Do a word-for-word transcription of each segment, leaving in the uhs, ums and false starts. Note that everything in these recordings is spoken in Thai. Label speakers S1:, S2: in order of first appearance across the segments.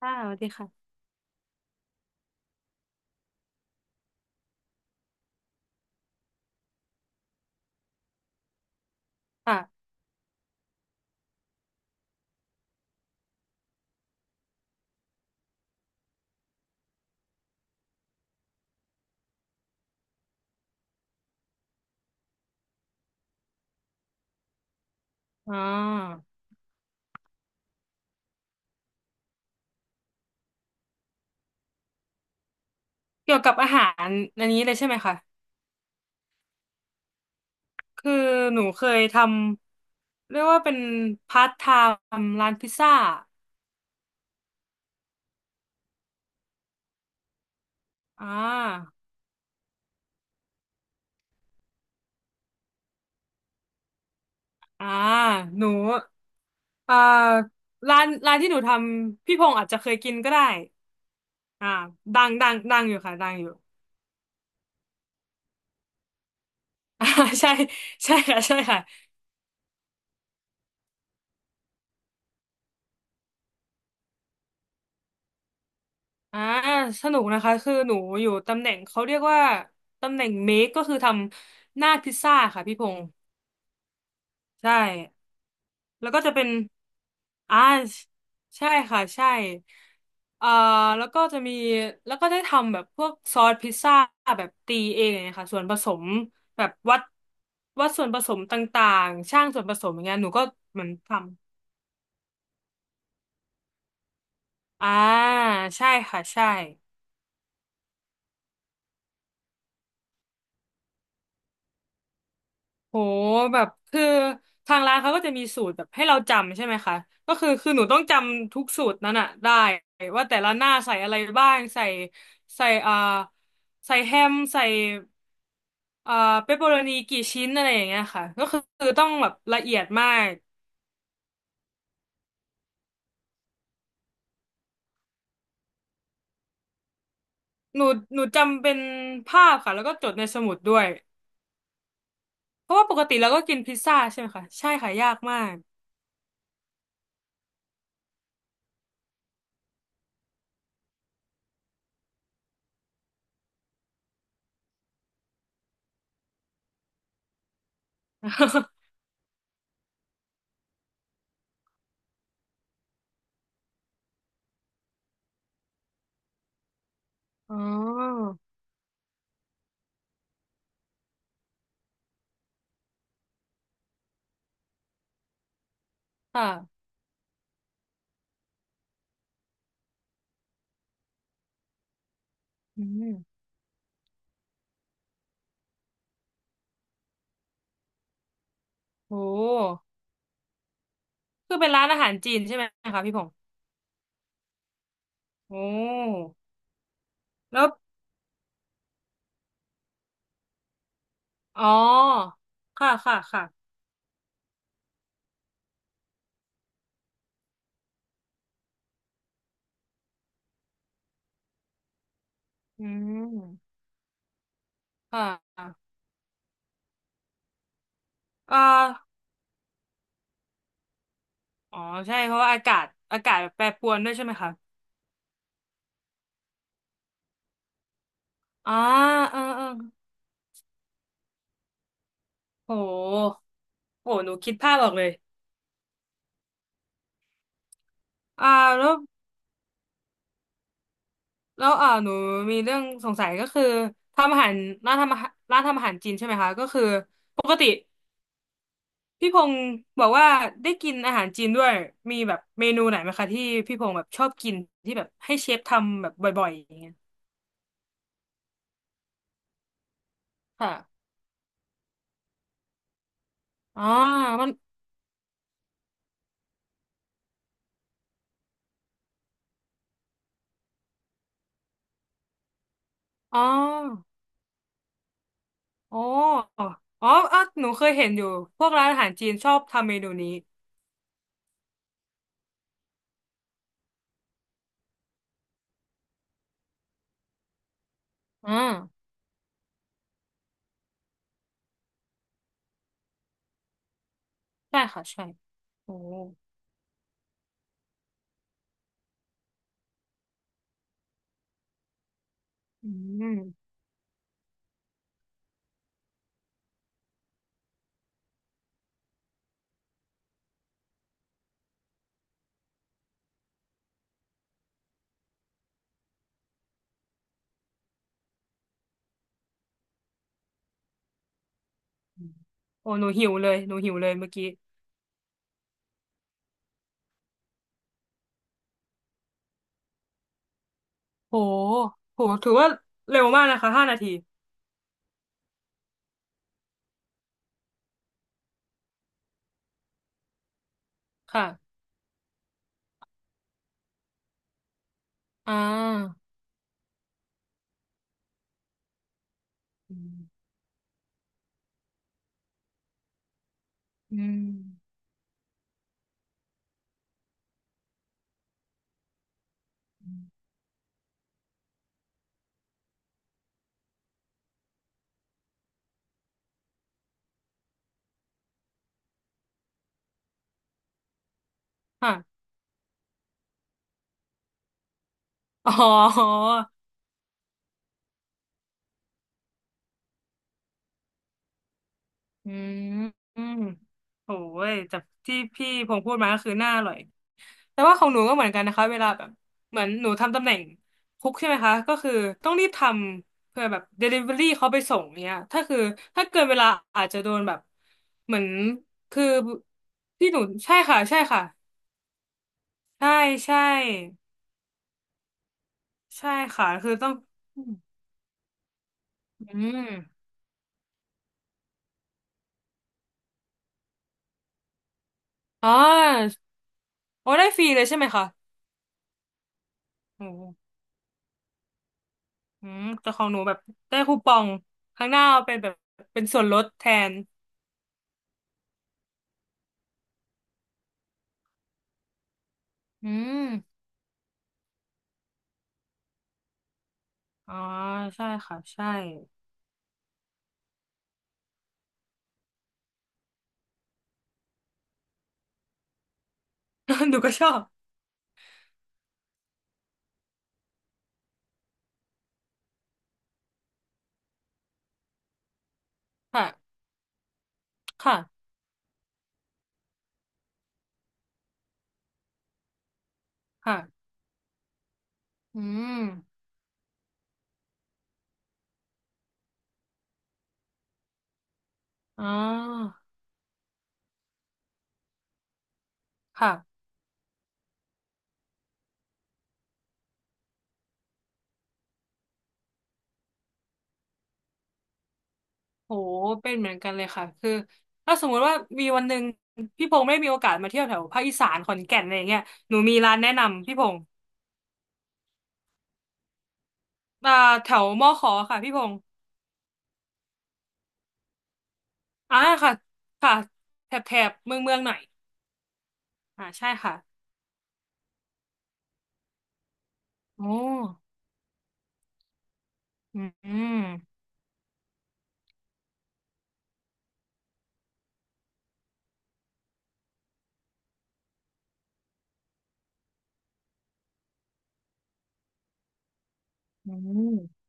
S1: ค่ะสวัสดีค่ะค่ะอ๋อเกี่ยวกับอาหารอันนี้เลยใช่ไหมคะคือหนูเคยทำเรียกว่าเป็นพาร์ทไทม์ร้านพิซซ่าอ่าอ่าหนูอ่าร้านร้านที่หนูทำพี่พงษ์อาจจะเคยกินก็ได้อ่าดังดังดังอยู่ค่ะดังอยู่ อ่าใช่ใช่ค่ะใช่ค่ะอ่าสนุกนะคะคือหนูอยู่ตำแหน่งเขาเรียกว่าตำแหน่งเมคก็คือทำหน้าพิซซ่าค่ะพี่พงษ์ใช่ แล้วก็จะเป็นอ่าใช่ค่ะใช่เอ่อแล้วก็จะมีแล้วก็ได้ทำแบบพวกซอสพิซซ่าแบบตีเองอย่างเงี้ยค่ะ ส่วนผสมแบบวัดวัดส่วนผสมต่างๆ ช่างส่วนผสมอย่างเงี้ยหนูก็เหมือนทำอ่าใช่ค่ะใช่ โหแบบคือทางร้านเขาก็จะมีสูตรแบบให้เราจำใช่ไหมคะก็คือคือหนูต้องจำทุกสูตรนั้นอะได้ว่าแต่ละหน้าใส่อะไรบ้างใส่ใส่อ่าใส่แฮมใส่อ่าเปปเปอโรนีกี่ชิ้นอะไรอย่างเงี้ยค่ะก็คือคือต้องแบบละเอียดมากหนูหนูจำเป็นภาพค่ะแล้วก็จดในสมุดด้วยเพราะว่าปกติเราก็กินพิซซ่าใช่ไหมคะใช่ค่ะยากมาก อ๋อ ค่ะอืมโห คือเป็นร้านอาหารจีนใช่ไหมคะพี่พงษ์โอ้แล้วอ๋อค่ะค่ะค่ะอืมค่ะเอ่ออ๋อใช่เพราะว่าอากาศอากาศแปรปรวนด้วยใช่ไหมคะอ่าเออเออโหโหหนูคิดภาพออกเลยอ่าแล้วแล้วอ่าหนูมีเรื่องสงสัยก็คือทำอาหารร้านทำอาหารร้านทำอาหารจีนใช่ไหมคะก็คือปกติ พี่พงศ์บอกว่าได้กินอาหารจีนด้วยมีแบบเมนูไหนไหมคะที่พี่พงศ์แบบชอบกินที่แบบให้เชฟทำแบบบ่อยๆอย่างเงี้ยค่ะอ๋อมันอ๋ออ๋ออ๋ออ่ะหนูเคยเห็นอยู่พวกร้านอาหารจีนชอบทำเมนูนี้อ่าใช่ค่ะใช่โอ้อืมโอ้หนูหิวเลยหนูหิวเลยเมื่อกี้โหโหถือว่าเร็วมากนะคะห้านาทีค่ะอ่าอืมอืมค่ะ อ๋ออืมอืโอ้ยจากที่พี่พงษ์พูดมาก็คือหน้าอร่อยแต่ว่าของหนูก็เหมือนกันนะคะเวลาแบบเหมือนหนูทำตำแหน่งคุกใช่ไหมคะก็คือต้องรีบทำเพื่อแบบ Delivery เขาไปส่งเนี้ยถ้าคือถ้าเกินเวลาอาจจะโดนแบบเหมือนคือที่หนูใช่ค่ะใช่ค่ะใช่ใช่ใช่ค่ะคือต้องอืมอ๋อโอ้ได้ฟรีเลยใช่ไหมคะโอ้ อืมแต่ของหนูแบบได้คูปองข้างหน้าเอาเป็นแบบเป็นส่วนลดแทนอืมอ๋อใช่ค่ะใช่ หนูก็ชอบค่ะค่ะค่ะอืมอ๋อค่ะโหเป็นเหมือนกันเลยค่ะคือถ้าสมมุติว่ามีวันหนึ่งพี่พงษ์ไม่มีโอกาสมาเที่ยวแถวภาคอีสานขอนแก่นอะไรอย่างเงี้ยหนูมีร้านแนะนำพี่พงษ์อ่าแถวมอขอค่ะพี่พงษ์อ่าค่ะค่ะแถบแถบเมืองเมืองหน่อยอ่าใช่ค่ะโอ้อืม อืม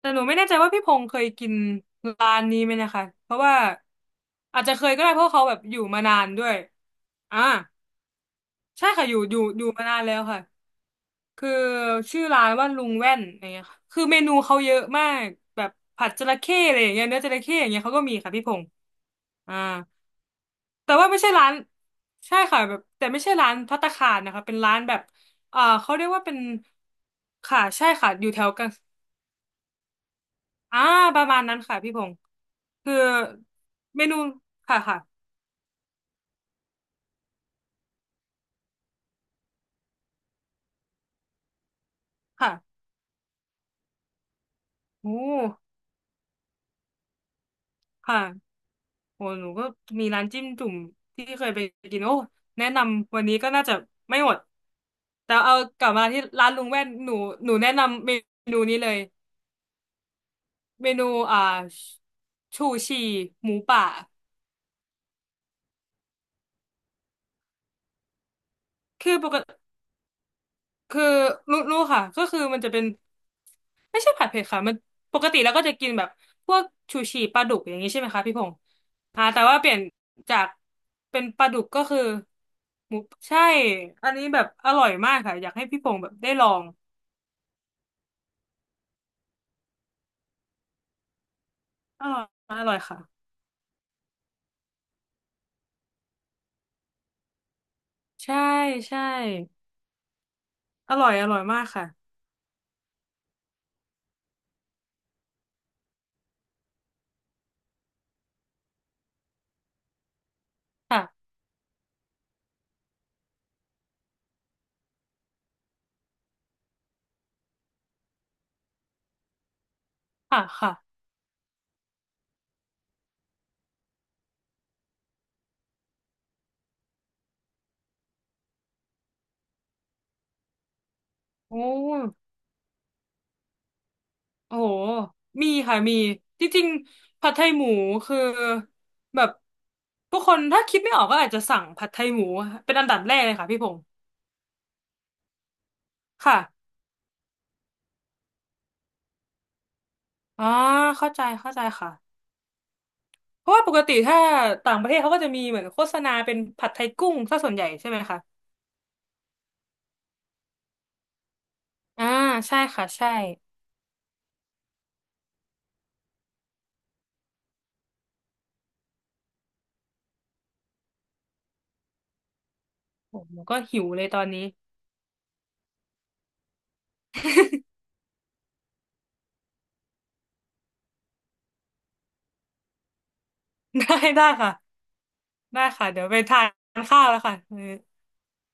S1: แต่หนูไม่แน่ใจว่าพี่พงษ์เคยกินร้านนี้ไหมนะคะเพราะว่าอาจจะเคยก็ได้เพราะเขาแบบอยู่มานานด้วยอ่าใช่ค่ะอยู่อยู่อยู่มานานแล้วค่ะคือชื่อร้านว่าลุงแว่นอย่างเงี้ยค่ะคือเมนูเขาเยอะมากแบบผัดจระเข้อะไรอย่างเงี้ยเนื้อจระเข้อย่างเงี้ยเขาก็มีค่ะพี่พงษ์อ่าแต่ว่าไม่ใช่ร้านใช่ค่ะแบบแต่ไม่ใช่ร้านภัตตาคารนะคะเป็นร้านแบบอ่าเขาเรียกว่าเป็นค่ะใช่ค่ะอยู่แถวกัน อ่าประมาณนั้นค่ะพี่พงศ์คือเมนูค่ะค่ะค่ะโอ้ค่ะโอ้หนูก็มีร้านจิ้มจุ่มที่เคยไปกินโอ้แนะนำวันนี้ก็น่าจะไม่หมดแต่เอากลับมาที่ร้านลุงแว่นหนูหนูแนะนำเมนูนี้เลยเมนูอ่าชูชีหมูป่าคือปกติ คือรู้รู้ค่ะก็คือมันจะเป็นไม่ใช่ผัดเผ็ดค่ะมันปกติแล้วก็จะกินแบบพวกชูชีปลาดุกอย่างนี้ใช่ไหมคะพี่พงษ์อ่าแต่ว่าเปลี่ยนจากเป็นปลาดุกก็คือหมูใช่อันนี้แบบอร่อยมากค่ะอยากให้พี่พงษ์แบบได้ลองอร่อยอร่อยค่ะใช่ใช่อร่อยอร่อยมากค่ะค่ะค่ะค่ะโอ้ โอ้โหมีค่ะมีจริงๆผัดไทยหมูคือแบบผู้คนถ้าคิดไม่ออกก็อาจจะสั่งผัดไทยหมูเป็นอันดับแรกเลยค่ะพี่พงศ์ค่ะอ่าเข้าใจเข้าใจค่ะเพราะว่าปกติถ้าต่างประเทศเขาก็จะมีเหมือนโฆษณาเป็นผัดไทยกุ้งซะส่วนใหญ่ใช่ไหมคะอ่าใช่ค่ะใช่โอ้ผมก็หิวเลยตอนนี้ ได้ได้ค่ะได้ค่ะเดี๋ยวไปทานข้าวแล้วค่ะ